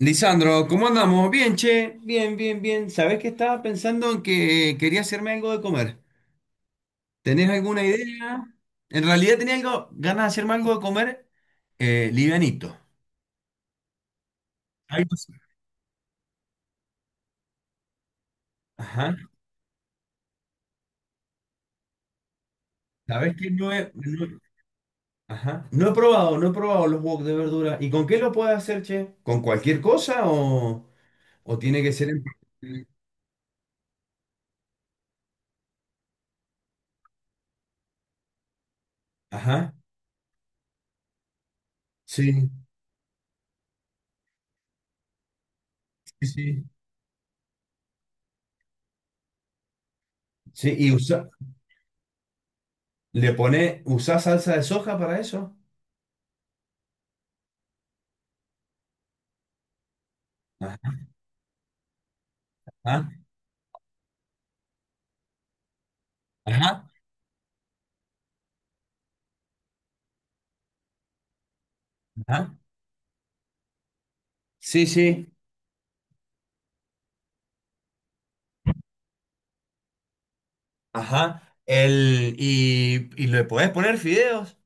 Lisandro, ¿cómo andamos? Bien, che, bien, bien, bien. ¿Sabés que estaba pensando en que quería hacerme algo de comer? ¿Tenés alguna idea? En realidad tenía algo, ganas de hacerme algo de comer, livianito. Algo así. Ajá. ¿Sabés que no he, no- ajá. No he probado, no he probado los wok de verdura. ¿Y con qué lo puedes hacer, che? ¿Con cualquier cosa o tiene que ser en... Ajá, sí, sí, sí. Sí, le pone, ¿usás salsa de soja para eso? Ajá, ajá. Ajá. Sí, sí. Ajá. Y le podés poner fideos.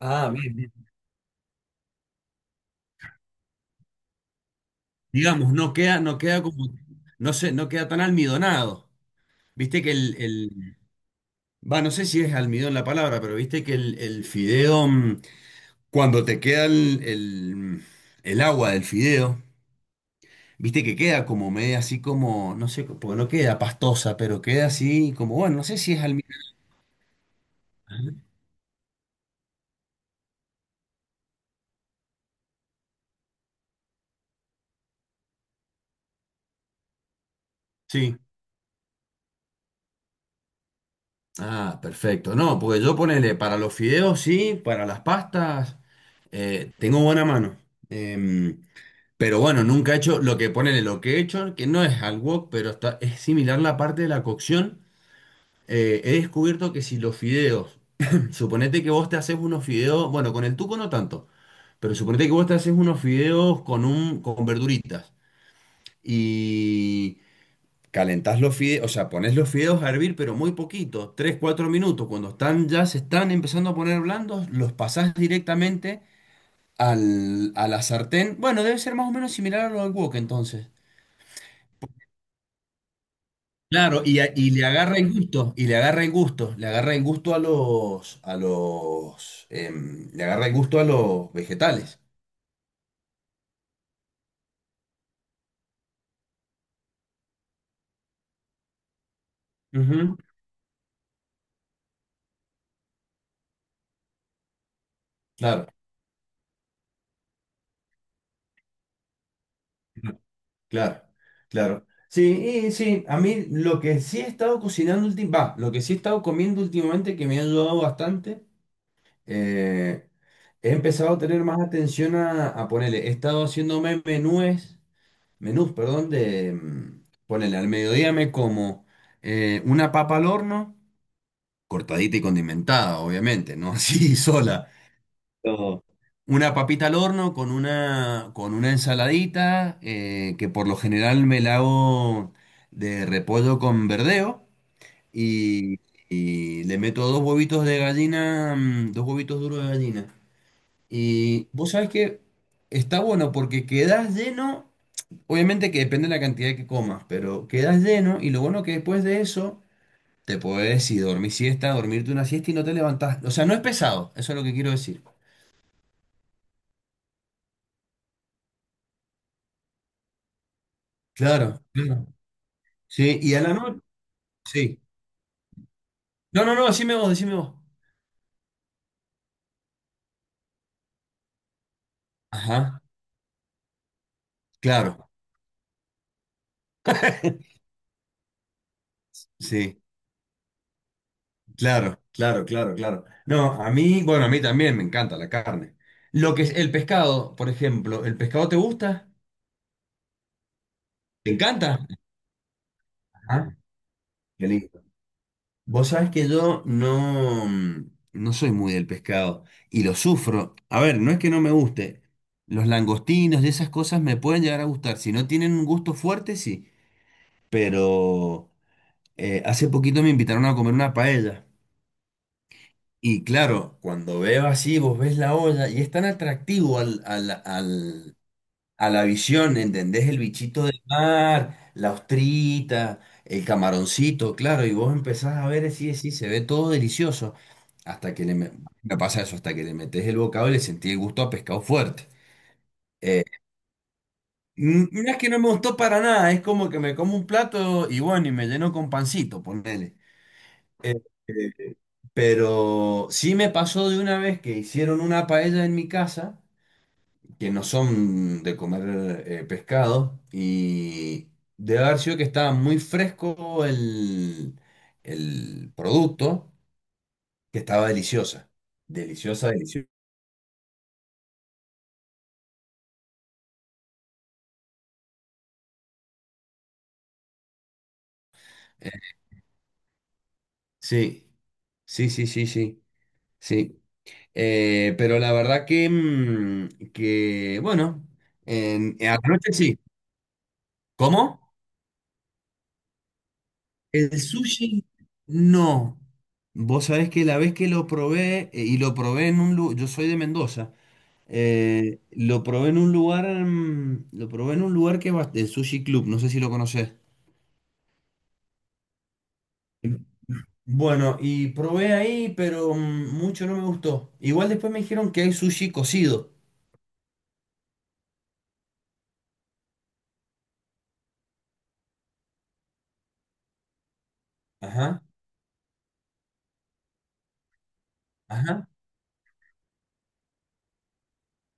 Ah, bien, bien. Digamos, no queda, no queda como, no sé, no queda tan almidonado. Viste que va, no sé si es almidón la palabra, pero viste que el fideo, cuando te queda el agua del fideo, viste que queda como media así como, no sé, porque no queda pastosa, pero queda así como, bueno, no sé si es almidón. Ajá. Sí. Ah, perfecto. No, porque yo ponele para los fideos, sí, para las pastas, tengo buena mano. Em, pero bueno, nunca he hecho lo que ponele, lo que he hecho, que no es al wok, pero está, es similar la parte de la cocción. He descubierto que si los fideos, suponete que vos te haces unos fideos, bueno, con el tuco no tanto, pero suponete que vos te haces unos fideos con un, con verduritas. Calentás los fideos, o sea, pones los fideos a hervir, pero muy poquito, 3 o 4 minutos. Cuando están ya se están empezando a poner blandos, los pasás directamente a la sartén. Bueno, debe ser más o menos similar a lo del wok entonces. Claro, y, y le agarra el gusto, y le agarra el gusto, le agarra el gusto a le agarra el gusto a los vegetales. Ujú. Claro. Claro, claro. Sí, y sí, a mí lo que sí he estado cocinando últimamente, va, lo que sí he estado comiendo últimamente que me ha ayudado bastante, eh, he empezado a tener más atención a ponerle, he estado haciéndome menúes, menús, perdón, de ponerle al mediodía me como una papa al horno, cortadita y condimentada, obviamente, no así sola, todo. Una papita al horno con una ensaladita, que por lo general me la hago de repollo con verdeo y, y le meto dos huevitos de gallina, dos huevitos duros de gallina. Y vos sabés que está bueno porque quedás lleno, obviamente que depende de la cantidad que comas, pero quedás lleno y lo bueno que después de eso te podés ir dormir siesta, dormirte una siesta y no te levantás. O sea, no es pesado, eso es lo que quiero decir. Claro, claro. Sí, y a la noche, sí. No, no, no, decime vos, decime vos. Ajá, claro, sí, claro, claro, claro, claro. No, a mí, bueno, a mí también me encanta la carne. Lo que es el pescado, por ejemplo, ¿el pescado te gusta? ¿Te encanta? Ajá, qué lindo. Vos sabés que yo no, no soy muy del pescado y lo sufro. A ver, no es que no me guste. Los langostinos y esas cosas me pueden llegar a gustar. Si no tienen un gusto fuerte, sí. Pero hace poquito me invitaron a comer una paella. Y claro, cuando veo así, vos ves la olla y es tan atractivo a la visión, ¿entendés? El bichito de mar, la ostrita, el camaroncito, claro, y vos empezás a ver así, así, se ve todo delicioso. Hasta que me pasa eso, hasta que le metés el bocado y le sentí el gusto a pescado fuerte. Eh, no es que no me gustó para nada, es como que me como un plato y bueno, y me lleno con pancito, ponele. Eh, eh, Pero sí me pasó de una vez que hicieron una paella en mi casa, que no son de comer pescado, y de haber sido que estaba muy fresco el producto, que estaba deliciosa. Deliciosa, deliciosa. Eh, Sí, sí, sí, sí, sí, sí. Pero la verdad que, que bueno, en la noche sí. ¿Cómo? El sushi, no. Vos sabés que la vez que lo probé, y lo probé en un lugar, yo soy de Mendoza, lo probé en un lugar, lo probé en un lugar que va, el Sushi Club, no sé si lo conocés. Bueno, y probé ahí, pero mucho no me gustó. Igual después me dijeron que hay sushi cocido. Ajá, ajá,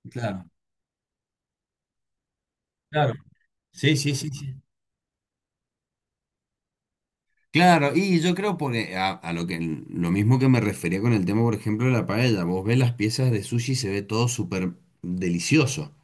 claro, claro. Sí, sí, sí, sí. Claro, y yo creo porque a lo que lo mismo que me refería con el tema, por ejemplo, de la paella, vos ves las piezas de sushi y se ve todo súper delicioso.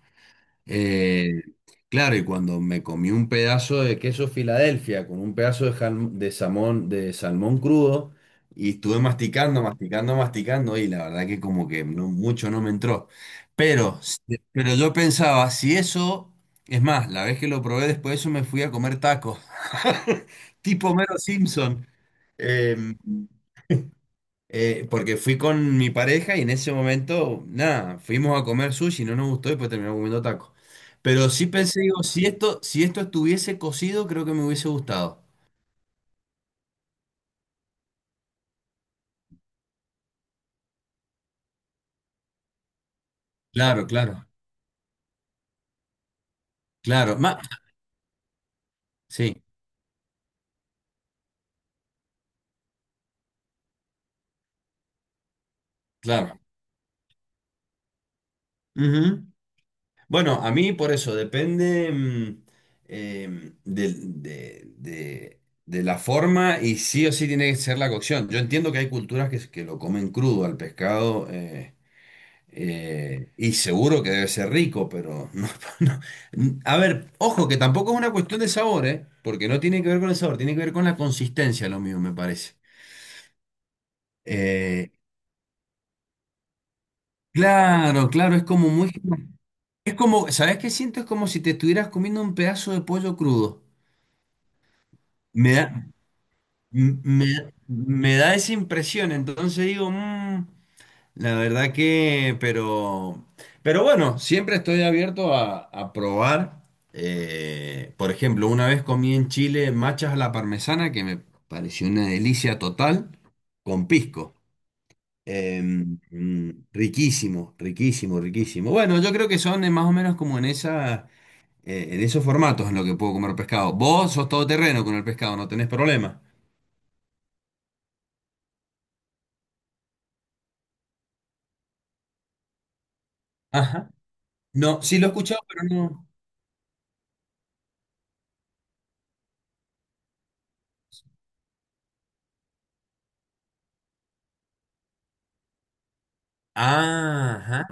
Eh, claro, y cuando me comí un pedazo de queso Filadelfia con un pedazo de, de salmón crudo y estuve masticando, masticando, masticando y la verdad que como que no- mucho no me entró. Pero, s- pero yo pensaba, si eso, es más, la vez que lo probé después de eso me fui a comer tacos, tipo Mero Simpson. Em, Porque fui con mi pareja y en ese momento, nada, fuimos a comer sushi, no nos gustó y pues terminamos comiendo tacos. Pero sí pensé, digo, si esto, si esto estuviese cocido, creo que me hubiese gustado. Claro, claro, claro. Sí, claro. Ujú. Bueno, a mí por eso depende em, del- de, de- de la forma y sí o sí tiene que ser la cocción. Yo entiendo que hay culturas que lo comen crudo al pescado. Y seguro que debe ser rico, pero no, no. A ver, ojo, que tampoco es una cuestión de sabor, ¿eh? Porque no tiene que ver con el sabor, tiene que ver con la consistencia, lo mío, me parece. Eh, claro, claro, es como muy... Es como, ¿sabes qué siento? Es como si te estuvieras comiendo un pedazo de pollo crudo. Me da, m- me, me da esa impresión, entonces digo, la verdad que, pero bueno, siempre estoy abierto a probar. Por ejemplo, una vez comí en Chile machas a la parmesana, que me pareció una delicia total, con pisco. Riquísimo, riquísimo, riquísimo. Bueno, yo creo que son más o menos como en esa, en esos formatos en lo que puedo comer pescado. Vos sos todoterreno con el pescado, no tenés problema. Ajá. No, sí lo he escuchado, pero no. Ah, ajá,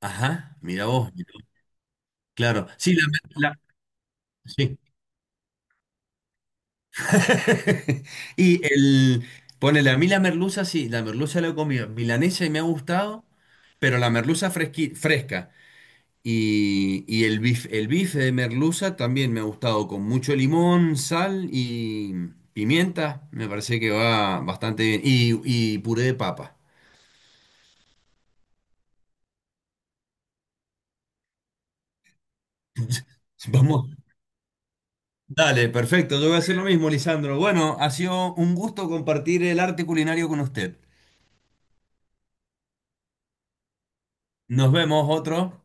ajá, mira vos. Claro, sí, la- sí. Y el, ponele, a mí la merluza, sí, la merluza la he comido, milanesa y me ha gustado, pero la merluza fresca y el bife de merluza también me ha gustado, con mucho limón, sal y pimienta, me parece que va bastante bien, y puré de papa. Vamos. Dale, perfecto, yo voy a hacer lo mismo, Lisandro. Bueno, ha sido un gusto compartir el arte culinario con usted. Nos vemos otro.